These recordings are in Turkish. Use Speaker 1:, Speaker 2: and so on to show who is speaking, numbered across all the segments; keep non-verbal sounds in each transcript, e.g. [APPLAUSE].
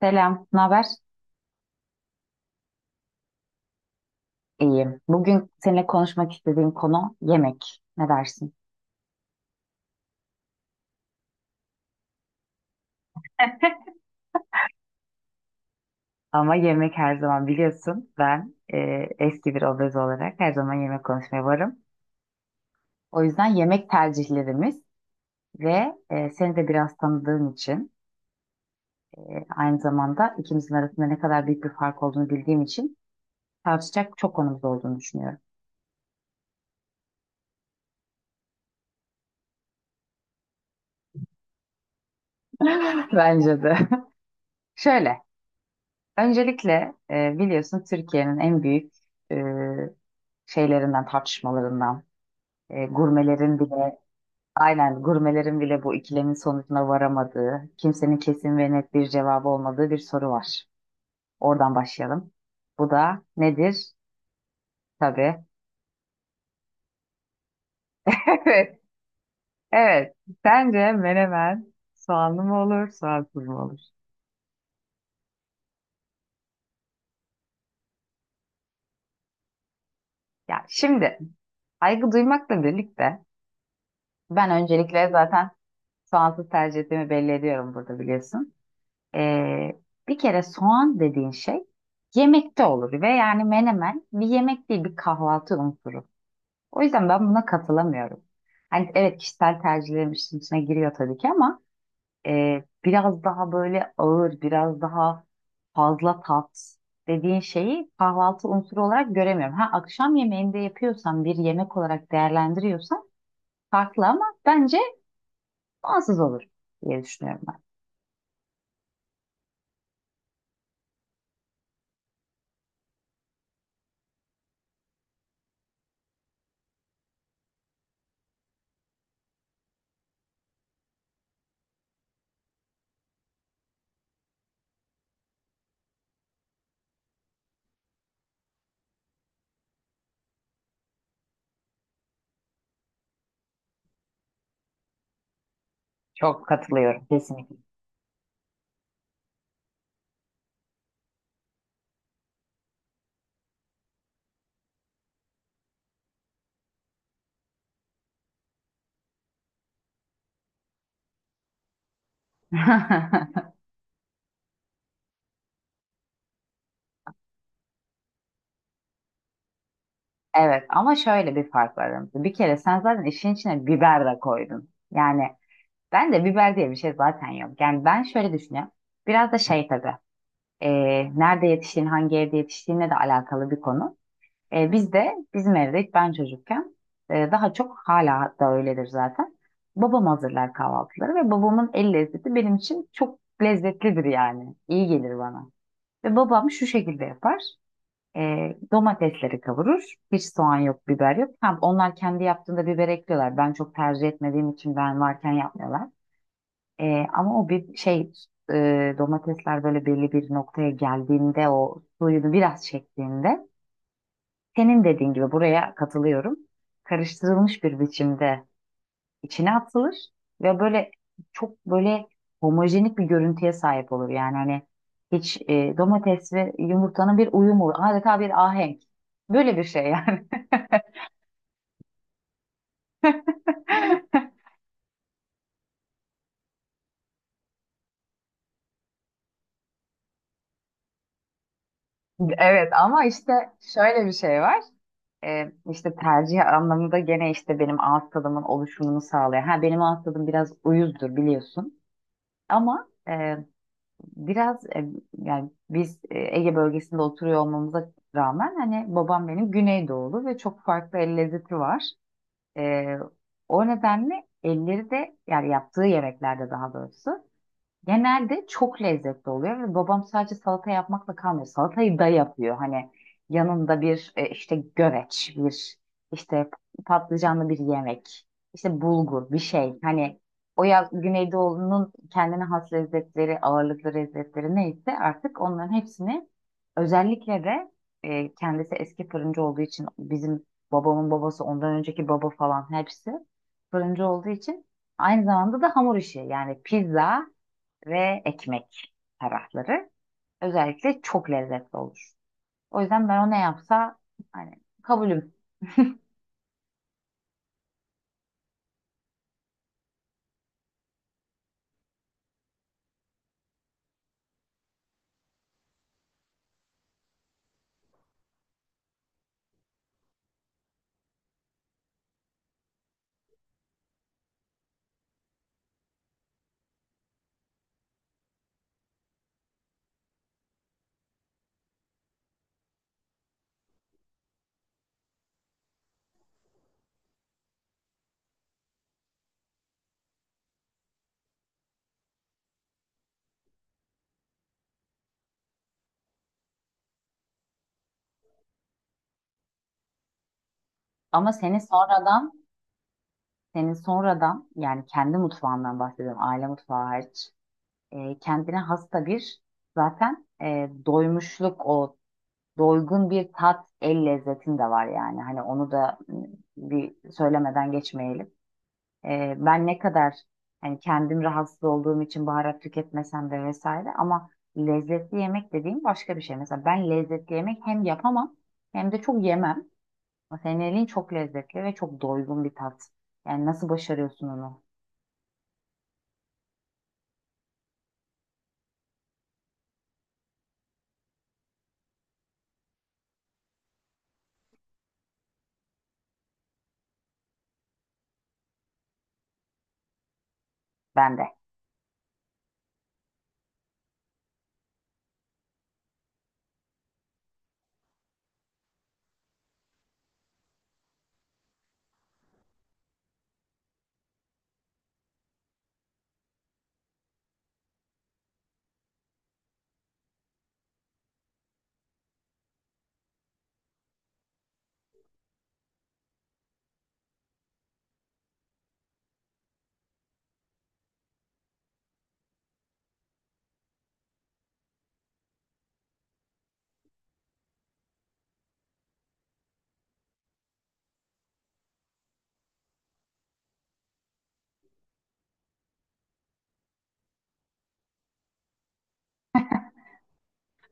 Speaker 1: Selam, ne haber? İyiyim. Bugün seninle konuşmak istediğim konu yemek. Ne dersin? [LAUGHS] Ama yemek her zaman biliyorsun. Ben eski bir obez olarak her zaman yemek konuşmaya varım. O yüzden yemek tercihlerimiz ve seni de biraz tanıdığım için e, aynı zamanda ikimizin arasında ne kadar büyük bir fark olduğunu bildiğim için tartışacak çok konumuz olduğunu düşünüyorum. [LAUGHS] Bence de. Şöyle, öncelikle biliyorsun Türkiye'nin en büyük e, şeylerinden, tartışmalarından. E, gurmelerin bile aynen gurmelerin bile bu ikilemin sonucuna varamadığı, kimsenin kesin ve net bir cevabı olmadığı bir soru var. Oradan başlayalım. Bu da nedir? Tabii. [LAUGHS] Evet. Evet. Sence menemen soğanlı mı olur, soğansız mı olur? Ya şimdi, saygı duymakla birlikte, ben öncelikle zaten soğansız tercih ettiğimi belli ediyorum burada biliyorsun. Ee, Bir kere soğan dediğin şey yemekte olur ve yani menemen bir yemek değil, bir kahvaltı unsuru. O yüzden ben buna katılamıyorum. Hani evet, kişisel tercihlerim işin içine giriyor tabii ki, ama biraz daha böyle ağır, biraz daha fazla tat dediğin şeyi kahvaltı unsuru olarak göremiyorum. Ha, akşam yemeğinde yapıyorsan, bir yemek olarak değerlendiriyorsan farklı, ama bence bağımsız olur diye düşünüyorum ben. Çok katılıyorum kesinlikle. [LAUGHS] Evet ama şöyle bir fark var aramızda. Bir kere sen zaten işin içine biber de koydun. Yani ben de biber diye bir şey zaten yok. Yani ben şöyle düşünüyorum. Biraz da şey tabii. e, Nerede yetiştiğin, hangi evde yetiştiğinle de alakalı bir konu. E, biz de bizim evde ilk ben çocukken, daha çok hala da öyledir zaten. Babam hazırlar kahvaltıları ve babamın el lezzeti benim için çok lezzetlidir yani. İyi gelir bana. Ve babam şu şekilde yapar. E, Domatesleri kavurur. Hiç soğan yok, biber yok. Ha, onlar kendi yaptığında biber ekliyorlar. Ben çok tercih etmediğim için ben varken yapmıyorlar. E, ama o bir şey, domatesler böyle belli bir noktaya geldiğinde, o suyunu biraz çektiğinde, senin dediğin gibi buraya katılıyorum. Karıştırılmış bir biçimde içine atılır ve böyle çok böyle homojenik bir görüntüye sahip olur. Yani hani hiç domates ve yumurtanın bir uyumu, adeta bir ahenk. Böyle bir şey yani. [LAUGHS] Evet ama işte şöyle bir şey var. İşte tercih anlamında gene işte benim ağız tadımın oluşumunu sağlıyor. Ha, benim ağız tadım biraz uyuzdur biliyorsun. Ama biraz yani biz Ege bölgesinde oturuyor olmamıza rağmen hani babam benim Güneydoğulu ve çok farklı el lezzeti var. E, O nedenle elleri de, yani yaptığı yemeklerde daha doğrusu, genelde çok lezzetli oluyor ve babam sadece salata yapmakla kalmıyor. Salatayı da yapıyor. Hani yanında bir işte göreç, bir işte patlıcanlı bir yemek, işte bulgur bir şey. Hani o, ya Güneydoğu'nun kendine has lezzetleri, ağırlıklı lezzetleri neyse artık, onların hepsini, özellikle de kendisi eski fırıncı olduğu için, bizim babamın babası, ondan önceki baba falan hepsi fırıncı olduğu için, aynı zamanda da hamur işi yani pizza ve ekmek tarafları özellikle çok lezzetli olur. O yüzden ben, o ne yapsa hani kabulüm. Ama senin sonradan, senin sonradan yani kendi mutfağından bahsediyorum, aile mutfağı hariç, kendine hasta bir, zaten doymuşluk, o doygun bir tat el lezzetin de var yani. Hani onu da bir söylemeden geçmeyelim. Ben ne kadar hani kendim rahatsız olduğum için baharat tüketmesem de vesaire, ama lezzetli yemek dediğim başka bir şey. Mesela ben lezzetli yemek hem yapamam hem de çok yemem. Ama senin elin çok lezzetli ve çok doygun bir tat. Yani nasıl başarıyorsun onu? Ben de.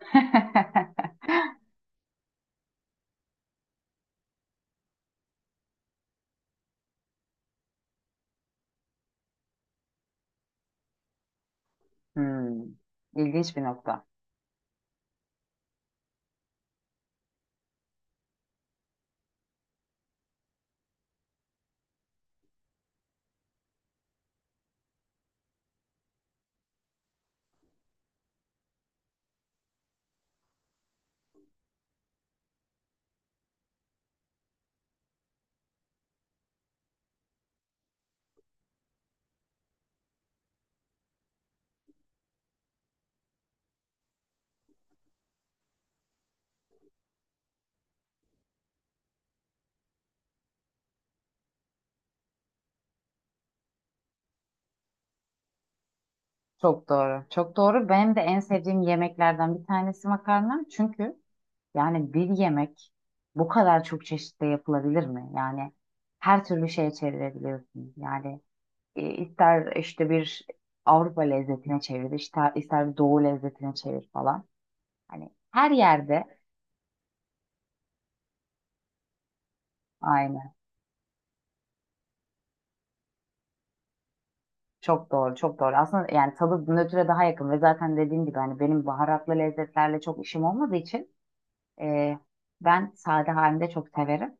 Speaker 1: [LAUGHS] Hmm, ilginç bir nokta. Çok doğru. Çok doğru. Benim de en sevdiğim yemeklerden bir tanesi makarna. Çünkü yani bir yemek bu kadar çok çeşitle yapılabilir mi? Yani her türlü şeye çevirebiliyorsun. Yani ister işte bir Avrupa lezzetine çevir, ister, ister bir Doğu lezzetine çevir falan. Hani her yerde aynı. Çok doğru, çok doğru. Aslında yani tadı nötre daha yakın ve zaten dediğim gibi hani benim baharatlı lezzetlerle çok işim olmadığı için e, ben sade halinde çok severim.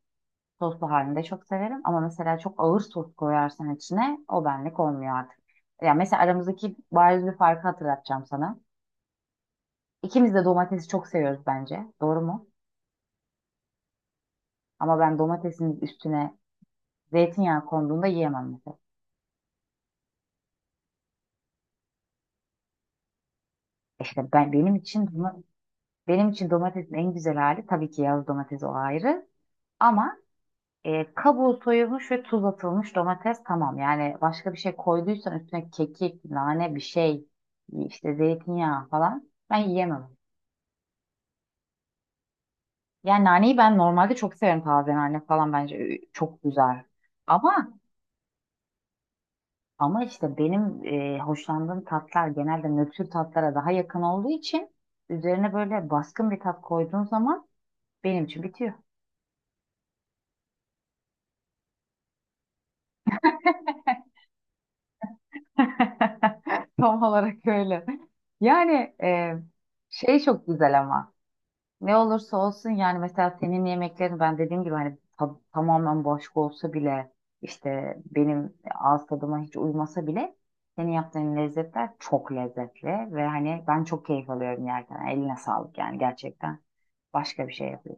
Speaker 1: Soslu halinde çok severim ama mesela çok ağır sos koyarsan içine, o benlik olmuyor artık. Ya mesela aramızdaki bariz bir farkı hatırlatacağım sana. İkimiz de domatesi çok seviyoruz bence. Doğru mu? Ama ben domatesin üstüne zeytinyağı konduğunda yiyemem mesela. E İşte ben, benim için bunu- benim için domatesin en güzel hali tabii ki yağlı domates, o ayrı. Ama kabuğu soyulmuş ve tuz atılmış domates tamam. Yani başka bir şey koyduysan üstüne, kekik, nane bir şey, işte zeytinyağı falan, ben yiyemem. Yani naneyi ben normalde çok severim, taze nane falan bence çok güzel. Ama, ama işte benim hoşlandığım tatlar genelde nötr tatlara daha yakın olduğu için, üzerine böyle baskın bir tat koyduğun zaman benim için bitiyor. [LAUGHS] Tam olarak öyle. Yani şey çok güzel ama. Ne olursa olsun yani, mesela senin yemeklerin ben dediğim gibi hani ta- tamamen başka olsa bile, işte benim ağız tadıma hiç uymasa bile, senin yaptığın lezzetler çok lezzetli ve hani ben çok keyif alıyorum yerken. Eline sağlık yani, gerçekten başka bir şey yapıyor.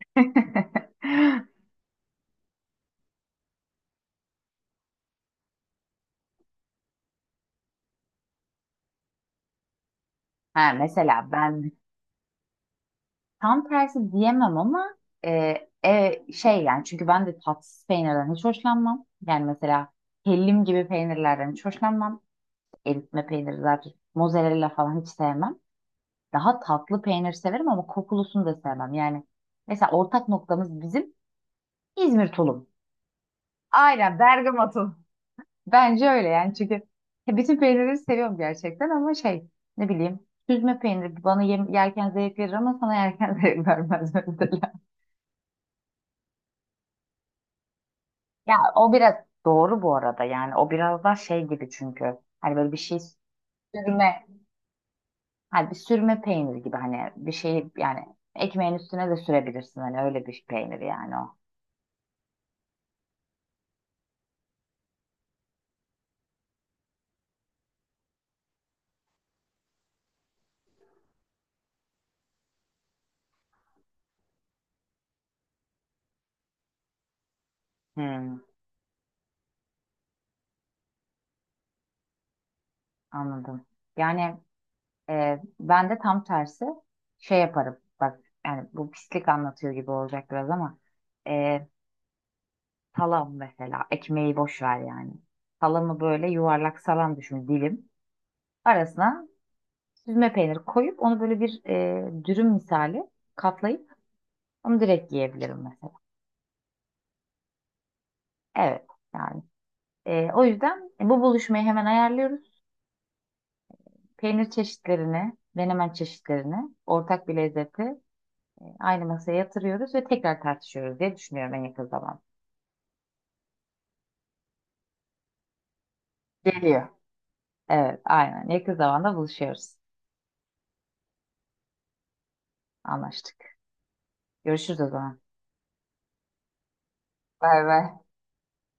Speaker 1: [LAUGHS] Ha, mesela ben tam tersi diyemem ama, e, şey yani, çünkü ben de tatsız peynirden hiç hoşlanmam. Yani mesela hellim gibi peynirlerden hiç hoşlanmam. Eritme peyniri zaten, mozzarella falan hiç sevmem. Daha tatlı peynir severim ama kokulusunu da sevmem. Yani mesela ortak noktamız bizim İzmir tulum. Aynen Bergama tulum. Bence öyle, yani çünkü bütün peynirleri seviyorum gerçekten ama şey, ne bileyim, süzme peyniri bana yem- yerken zevk verir ama sana yerken [LAUGHS] zevk vermez mesela. Ya o biraz doğru bu arada, yani o biraz daha şey gibi çünkü hani böyle bir şey, süzme, ha bir sürme peynir gibi hani, bir şeyi yani, ekmeğin üstüne de sürebilirsin hani, öyle bir peynir yani o. Hmm, anladım. Yani ben de tam tersi şey yaparım. Bak, yani bu pislik anlatıyor gibi olacak biraz ama, e, salam mesela, ekmeği boş ver yani. Salamı böyle yuvarlak salam düşün dilim. Arasına süzme peynir koyup, onu böyle bir dürüm misali katlayıp onu direkt yiyebilirim mesela. Evet. Yani o yüzden bu buluşmayı hemen ayarlıyoruz. Peynir çeşitlerini, menemen çeşitlerini, ortak bir lezzeti aynı masaya yatırıyoruz ve tekrar tartışıyoruz diye düşünüyorum en yakın zamanda. Geliyor. Evet, aynen. Yakın zamanda buluşuyoruz. Anlaştık. Görüşürüz o zaman. Bay bay.